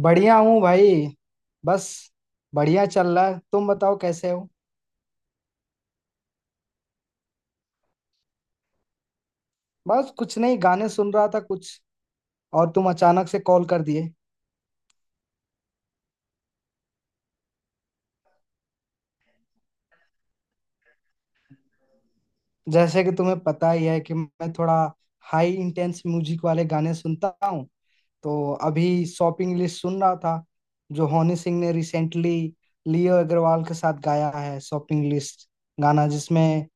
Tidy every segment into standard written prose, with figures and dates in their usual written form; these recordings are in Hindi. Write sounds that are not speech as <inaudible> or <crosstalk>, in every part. बढ़िया हूँ भाई। बस बढ़िया चल रहा है, तुम बताओ कैसे हो। बस कुछ नहीं, गाने सुन रहा था कुछ, और तुम अचानक से कॉल कर दिए। जैसे कि तुम्हें पता ही है कि मैं थोड़ा हाई इंटेंस म्यूजिक वाले गाने सुनता हूँ, तो अभी शॉपिंग लिस्ट सुन रहा था जो हनी सिंह ने रिसेंटली लियो अग्रवाल के साथ गाया है। शॉपिंग लिस्ट गाना जिसमें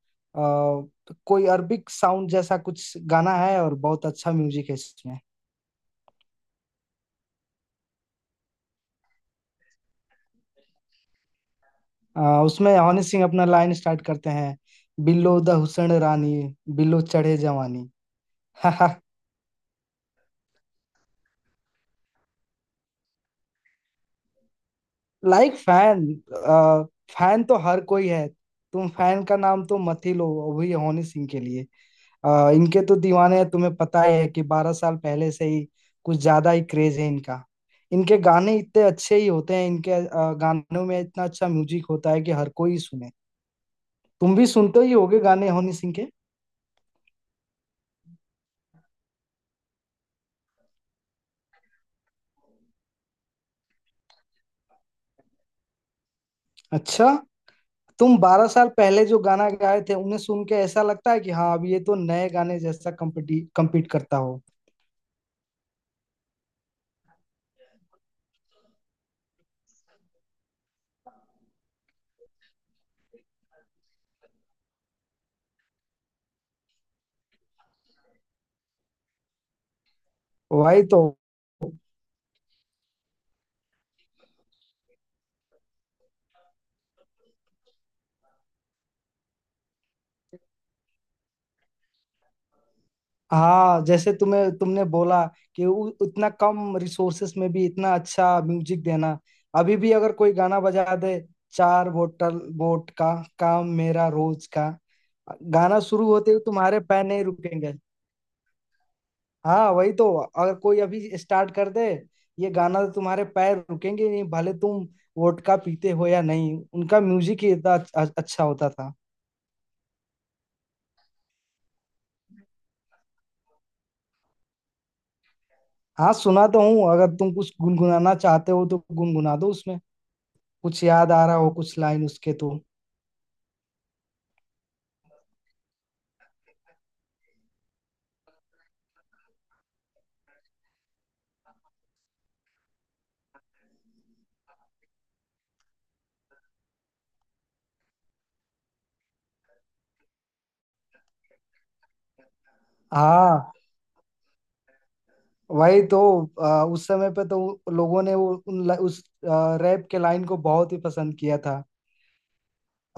कोई अरबिक साउंड जैसा कुछ गाना है और बहुत अच्छा म्यूजिक है इसमें। उसमें हनी सिंह अपना लाइन स्टार्ट करते हैं, बिल्लो द हुसैन रानी, बिल्लो चढ़े जवानी। <laughs> लाइक फैन, फैन तो हर कोई है, तुम फैन का नाम तो मत ही लो अभी हनी सिंह के लिए। इनके तो दीवाने हैं, तुम्हें पता ही है कि 12 साल पहले से ही कुछ ज्यादा ही क्रेज है इनका। इनके गाने इतने अच्छे ही होते हैं, इनके गानों में इतना अच्छा म्यूजिक होता है कि हर कोई सुने। तुम भी सुनते ही होगे गाने हनी सिंह के। अच्छा, तुम 12 साल पहले जो गाना गाए थे उन्हें सुन के ऐसा लगता है कि हाँ, अब ये तो नए गाने जैसा कम्पिटी कम्पीट करता हो। वही तो। हाँ जैसे तुम्हें तुमने बोला कि उतना कम रिसोर्सेस में भी इतना अच्छा म्यूजिक देना। अभी भी अगर कोई गाना बजा दे, चार बोतल वोट का, काम मेरा रोज का, गाना शुरू होते ही तुम्हारे पैर नहीं रुकेंगे। हाँ वही तो, अगर कोई अभी स्टार्ट कर दे ये गाना तो तुम्हारे पैर रुकेंगे नहीं, भले तुम वोडका पीते हो या नहीं, उनका म्यूजिक ही इतना अच्छा अच्छा होता था। हाँ सुना तो हूँ, अगर तुम कुछ गुनगुनाना चाहते हो तो गुनगुना दो उसमें, कुछ याद आ रहा हो कुछ लाइन उसके तो। हाँ वही तो। उस समय पे तो लोगों ने वो उस रैप के लाइन को बहुत ही पसंद किया था,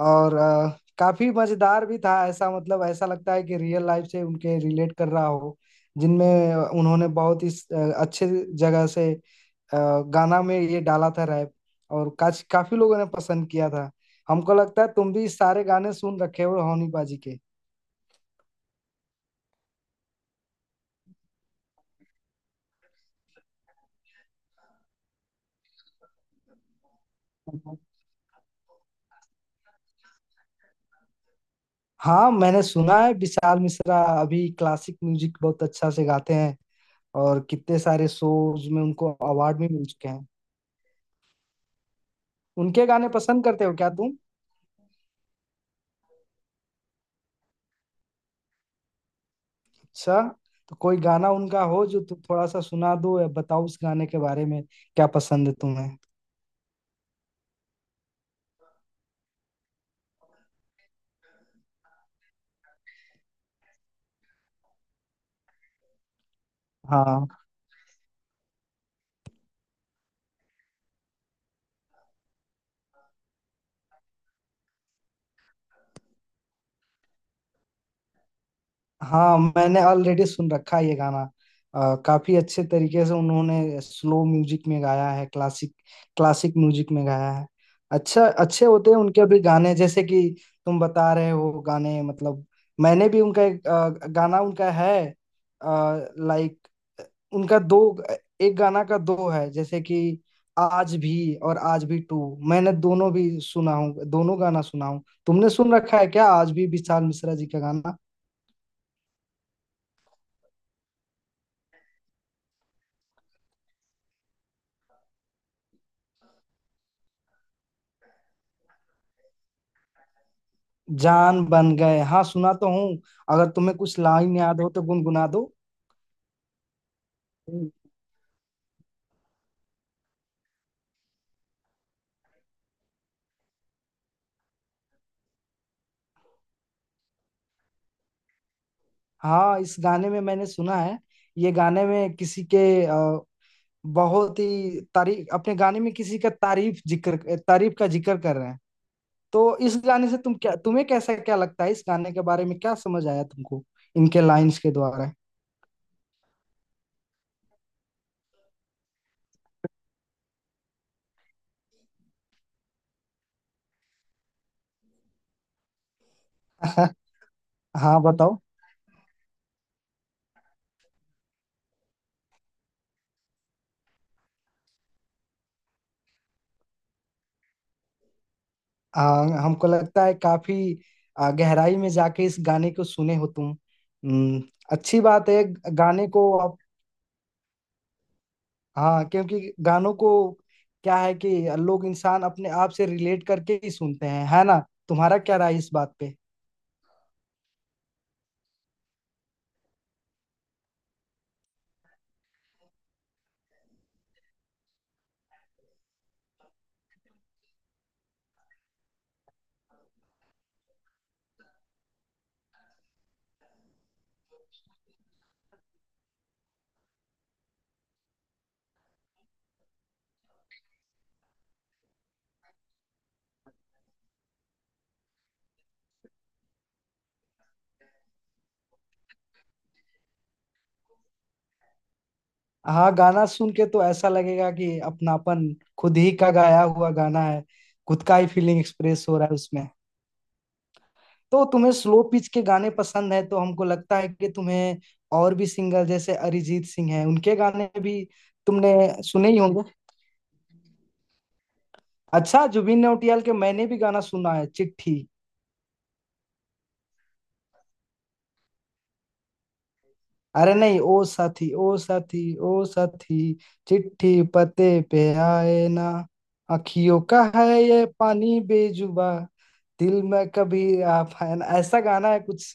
और काफी मजेदार भी था, ऐसा मतलब ऐसा लगता है कि रियल लाइफ से उनके रिलेट कर रहा हो। जिनमें उन्होंने बहुत ही अच्छे जगह से गाना में ये डाला था रैप, और काच काफी लोगों ने पसंद किया था। हमको लगता है तुम भी सारे गाने सुन रखे हो होनी बाजी के। हाँ मैंने सुना है विशाल मिश्रा, अभी क्लासिक म्यूजिक बहुत अच्छा से गाते हैं, और कितने सारे शोज में उनको अवार्ड भी मिल चुके हैं। उनके गाने पसंद करते हो क्या तुम? अच्छा, तो कोई गाना उनका हो जो तुम थोड़ा सा सुना दो, या बताओ उस गाने के बारे में क्या पसंद है तुम्हें। हाँ हाँ, मैंने ऑलरेडी सुन रखा है ये गाना। काफी अच्छे तरीके से उन्होंने स्लो म्यूजिक में गाया है, क्लासिक क्लासिक म्यूजिक में गाया है। अच्छा, अच्छे होते हैं उनके भी गाने जैसे कि तुम बता रहे हो गाने, मतलब मैंने भी उनका एक गाना उनका है। लाइक, उनका दो, एक गाना का दो है जैसे कि आज भी, और आज भी टू, मैंने दोनों भी सुना हूँ, दोनों गाना सुना हूँ। तुमने सुन रखा है क्या आज भी विशाल मिश्रा जी का गाना? जान बन गए, हाँ सुना तो हूँ। अगर तुम्हें कुछ लाइन याद हो तो गुनगुना दो। हम्म, हाँ इस गाने में मैंने सुना है, ये गाने में किसी के अ, बहुत ही तारीफ, अपने गाने में किसी का तारीफ जिक्र, तारीफ का जिक्र कर रहे हैं। तो इस गाने से तुम क्या, तुम्हें कैसा क्या लगता है इस गाने के बारे में, क्या समझ आया तुमको इनके लाइंस के द्वारा? <laughs> हाँ बताओ। हाँ हमको लगता है काफी गहराई में जाके इस गाने को सुने हो तुम। हम्म, अच्छी बात है। गाने को आप, हाँ क्योंकि गानों को, क्या है कि लोग इंसान अपने आप से रिलेट करके ही सुनते हैं, है ना? तुम्हारा क्या राय इस बात पे? हाँ गाना सुन के तो ऐसा लगेगा कि अपनापन, खुद ही का गाया हुआ गाना है, खुद का ही फीलिंग एक्सप्रेस हो रहा है उसमें। तो तुम्हें स्लो पिच के गाने पसंद है तो हमको लगता है कि तुम्हें और भी सिंगर जैसे अरिजीत सिंह है, उनके गाने भी तुमने सुने ही होंगे। अच्छा, जुबिन नौटियाल के मैंने भी गाना सुना है, चिट्ठी। अरे नहीं, ओ साथी, ओ साथी, ओ साथी, चिट्ठी पते पे आए ना, अखियों का है ये पानी बेजुबा, दिल में कभी आ पाए ना, ऐसा गाना है कुछ।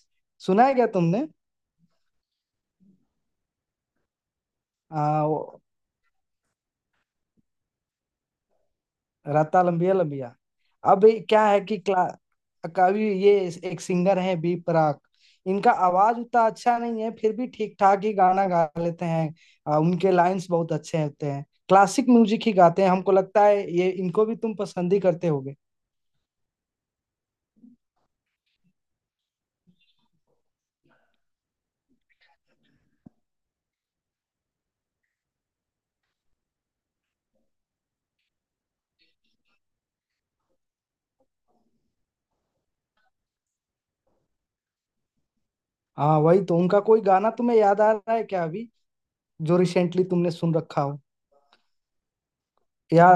सुना है क्या तुमने? आ, राता लंबिया लंबिया। अब क्या है कि क्ला कवि ये एक सिंगर है बी प्राक, इनका आवाज उतना अच्छा नहीं है, फिर भी ठीक ठाक ही गाना गा लेते हैं। उनके लाइंस बहुत अच्छे होते हैं, क्लासिक म्यूजिक ही गाते हैं। हमको लगता है ये, इनको भी तुम पसंद ही करते होगे। हाँ वही तो, उनका कोई गाना तुम्हें याद आ रहा है क्या अभी जो रिसेंटली तुमने सुन रखा हो, या?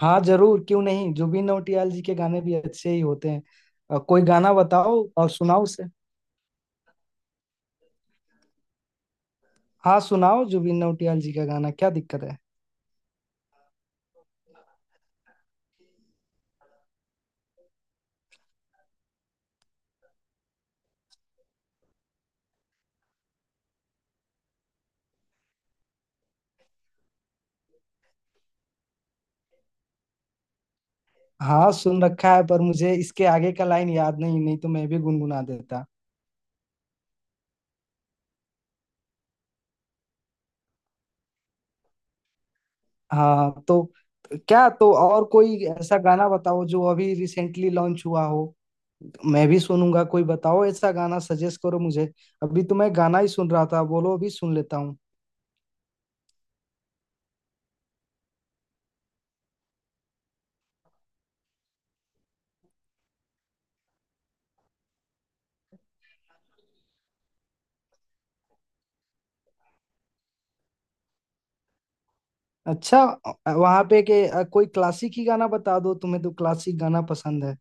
हाँ जरूर क्यों नहीं, जुबिन नौटियाल जी के गाने भी अच्छे ही होते हैं। कोई गाना बताओ और सुनाओ उसे। हाँ सुनाओ, जुबिन नौटियाल जी का गाना, क्या दिक्कत है। हाँ सुन रखा है पर मुझे इसके आगे का लाइन याद नहीं, नहीं तो मैं भी गुनगुना देता। हाँ तो क्या, तो और कोई ऐसा गाना बताओ जो अभी रिसेंटली लॉन्च हुआ हो, मैं भी सुनूंगा। कोई बताओ ऐसा गाना, सजेस्ट करो मुझे। अभी तो मैं गाना ही सुन रहा था, बोलो अभी सुन लेता हूँ। अच्छा, वहां पे के कोई क्लासिक ही गाना बता दो, तुम्हें तो क्लासिक गाना पसंद है।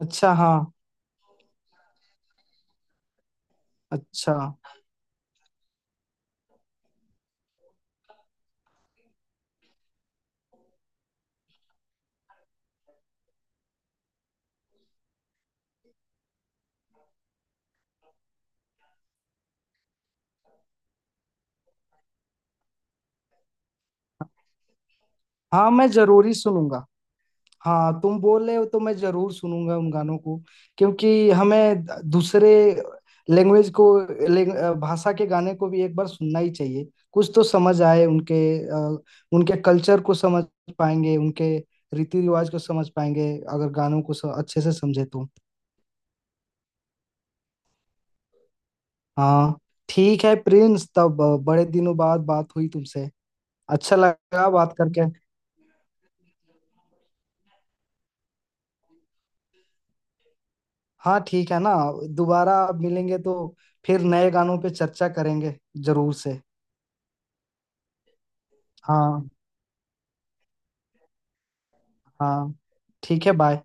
अच्छा हाँ। अच्छा हाँ, मैं जरूरी सुनूंगा। हाँ तुम बोल रहे हो तो मैं जरूर सुनूंगा उन गानों को, क्योंकि हमें दूसरे लैंग्वेज को, लैंग- भाषा के गाने को भी एक बार सुनना ही चाहिए, कुछ तो समझ आए उनके। अ, उनके कल्चर को समझ पाएंगे, उनके रीति रिवाज को समझ पाएंगे अगर गानों को अच्छे से समझे तो। हाँ ठीक है प्रिंस, तब बड़े दिनों बाद बात हुई तुमसे, अच्छा लगा बात करके। हाँ ठीक है ना, दोबारा मिलेंगे तो फिर नए गानों पे चर्चा करेंगे, जरूर से। हाँ। हाँ ठीक है, बाय।